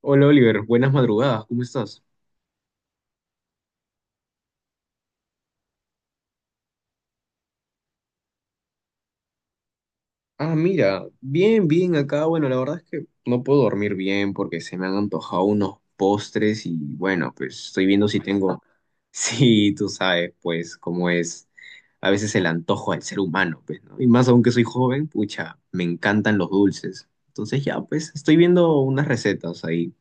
Hola Oliver, buenas madrugadas, ¿cómo estás? Ah, mira, bien, bien acá. Bueno, la verdad es que no puedo dormir bien porque se me han antojado unos postres y bueno, pues estoy viendo si tengo... Sí, tú sabes, pues cómo es a veces el antojo del ser humano, pues, ¿no? Y más aún que soy joven, pucha, me encantan los dulces. Entonces ya, pues estoy viendo unas recetas ahí.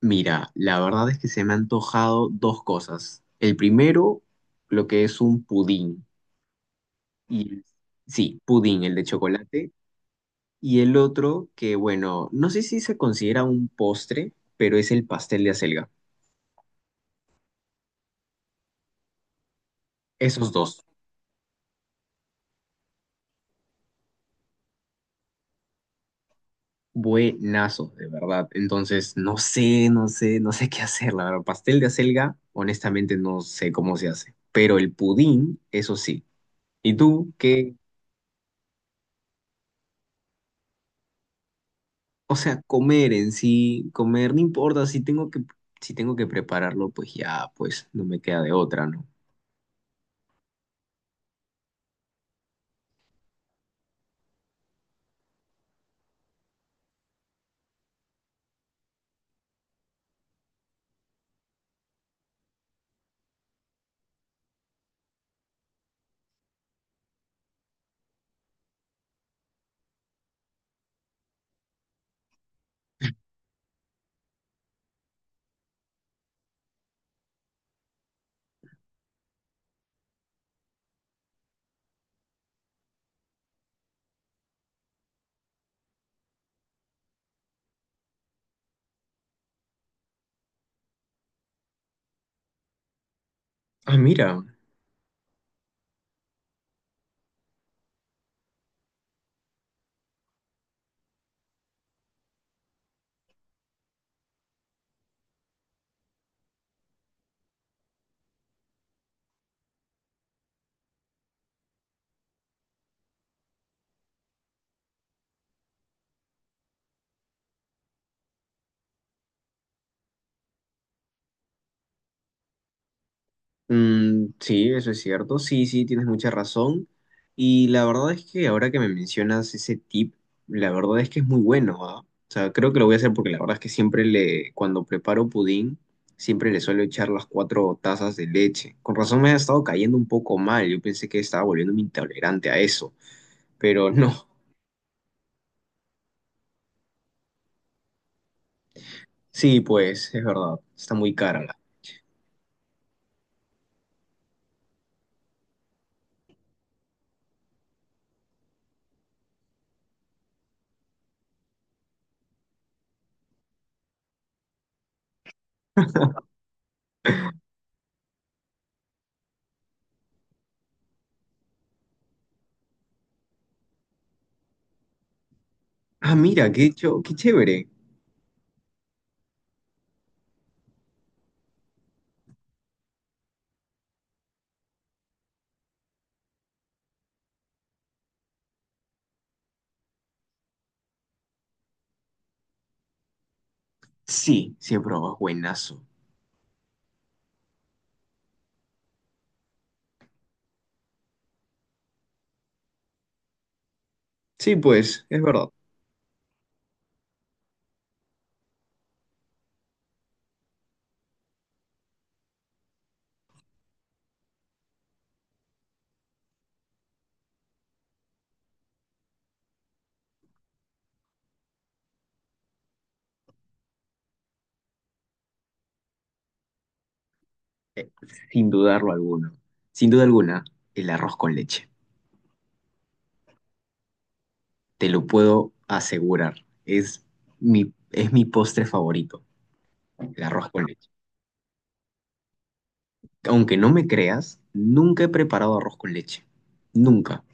Mira, la verdad es que se me han antojado dos cosas. El primero, lo que es un pudín. Y sí, pudín, el de chocolate. Y el otro que, bueno, no sé si se considera un postre, pero es el pastel de acelga. Esos dos, buenazos, de verdad. Entonces, no sé qué hacer, la verdad. Pastel de acelga, honestamente no sé cómo se hace. Pero el pudín, eso sí. ¿Y tú qué? O sea, comer en sí, comer, no importa, si tengo que prepararlo, pues ya, pues no me queda de otra, ¿no? Ah, mira. Mm, sí, eso es cierto. Sí, sí, tienes mucha razón. Y la verdad es que ahora que me mencionas ese tip, la verdad es que es muy bueno, ¿ah? O sea, creo que lo voy a hacer porque la verdad es que siempre le, cuando preparo pudín, siempre le suelo echar las cuatro tazas de leche. Con razón me ha estado cayendo un poco mal. Yo pensé que estaba volviéndome intolerante a eso, pero no. Sí, pues, es verdad. Está muy cara la. Ah, mira, qué, cho- qué chévere. Sí, sí he probado, es buenazo. Sí, pues, es verdad. Eh, Sin dudarlo alguno. Sin duda alguna, el arroz con leche. Te lo puedo asegurar. Es es mi postre favorito, el arroz con leche. Aunque no me creas, nunca he preparado arroz con leche. Nunca.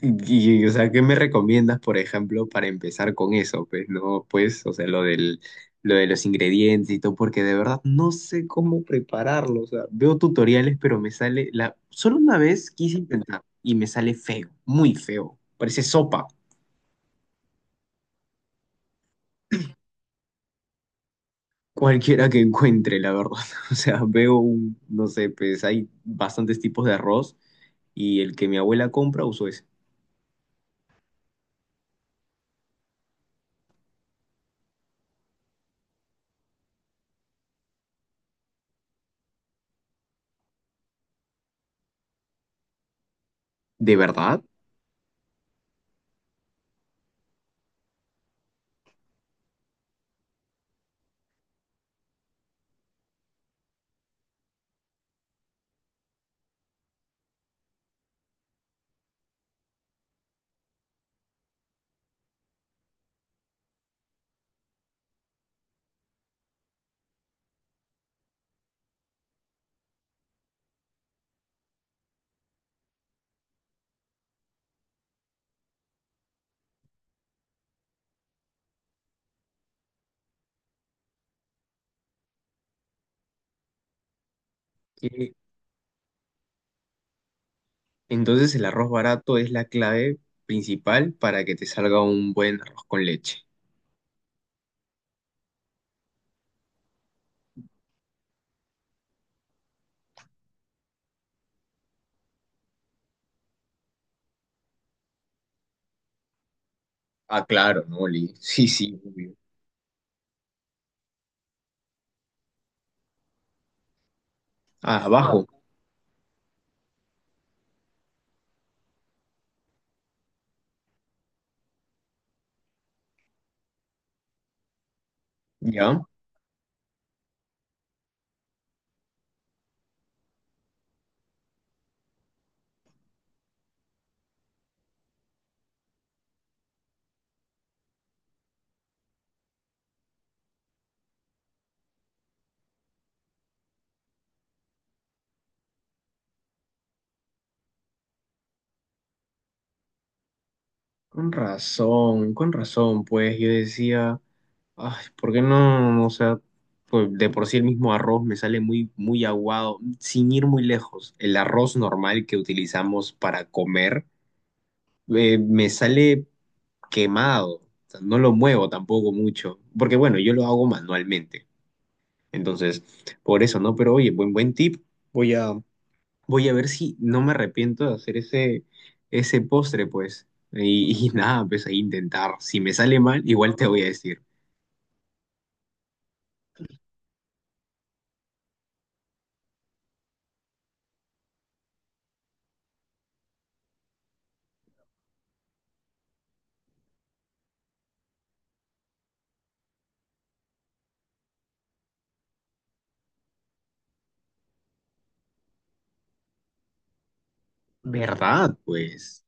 Y, o sea, ¿qué me recomiendas, por ejemplo, para empezar con eso? Pues no, pues, o sea, lo de los ingredientes y todo, porque de verdad no sé cómo prepararlo. O sea, veo tutoriales, pero me sale la... Solo una vez quise intentar y me sale feo, muy feo. Parece sopa, cualquiera que encuentre, la verdad. O sea, veo un, no sé, pues hay bastantes tipos de arroz y el que mi abuela compra uso ese. ¿De verdad? Entonces el arroz barato es la clave principal para que te salga un buen arroz con leche. Ah, claro, ¿no, Oli? Sí, sí, obvio. Ah, abajo, ¿ya? Con razón, pues yo decía, ay, ¿por qué no? O sea, pues de por sí el mismo arroz me sale muy, muy aguado, sin ir muy lejos. El arroz normal que utilizamos para comer me sale quemado, o sea, no lo muevo tampoco mucho, porque bueno, yo lo hago manualmente. Entonces, por eso, ¿no? Pero oye, buen, buen tip. Voy a, voy a ver si no me arrepiento de hacer ese postre, pues. Y nada, pues a intentar. Si me sale mal, igual te voy a decir. ¿Verdad? Pues,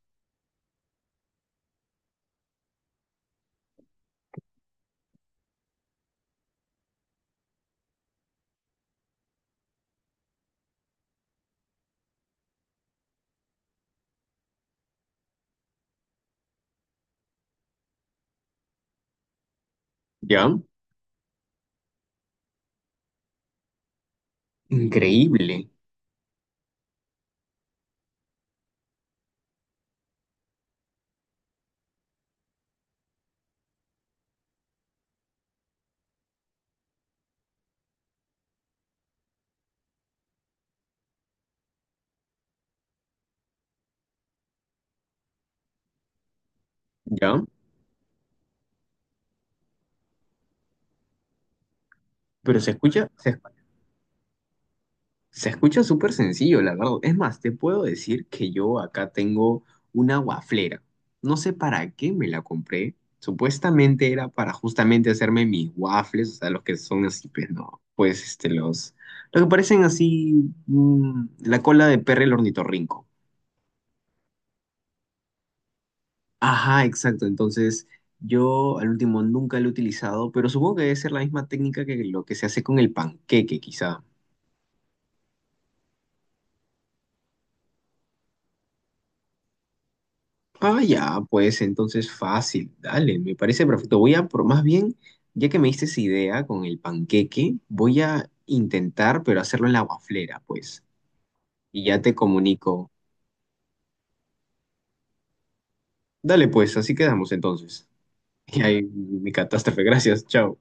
¿ya? Increíble, ¿ya? Pero se escucha, se Se escucha súper sencillo, la verdad. Es más, te puedo decir que yo acá tengo una waflera. No sé para qué me la compré. Supuestamente era para justamente hacerme mis waffles, o sea, los que son así, pues no, pues este, los que parecen así, mm, la cola de perro el ornitorrinco. Ajá, exacto. Entonces, yo al último nunca lo he utilizado, pero supongo que debe ser la misma técnica que lo que se hace con el panqueque, quizá. Ah, ya, pues entonces fácil, dale, me parece perfecto. Voy a, pro- más bien, ya que me diste esa idea con el panqueque, voy a intentar, pero hacerlo en la waflera, pues. Y ya te comunico. Dale, pues, así quedamos entonces. Y ahí mi catástrofe, gracias, chao.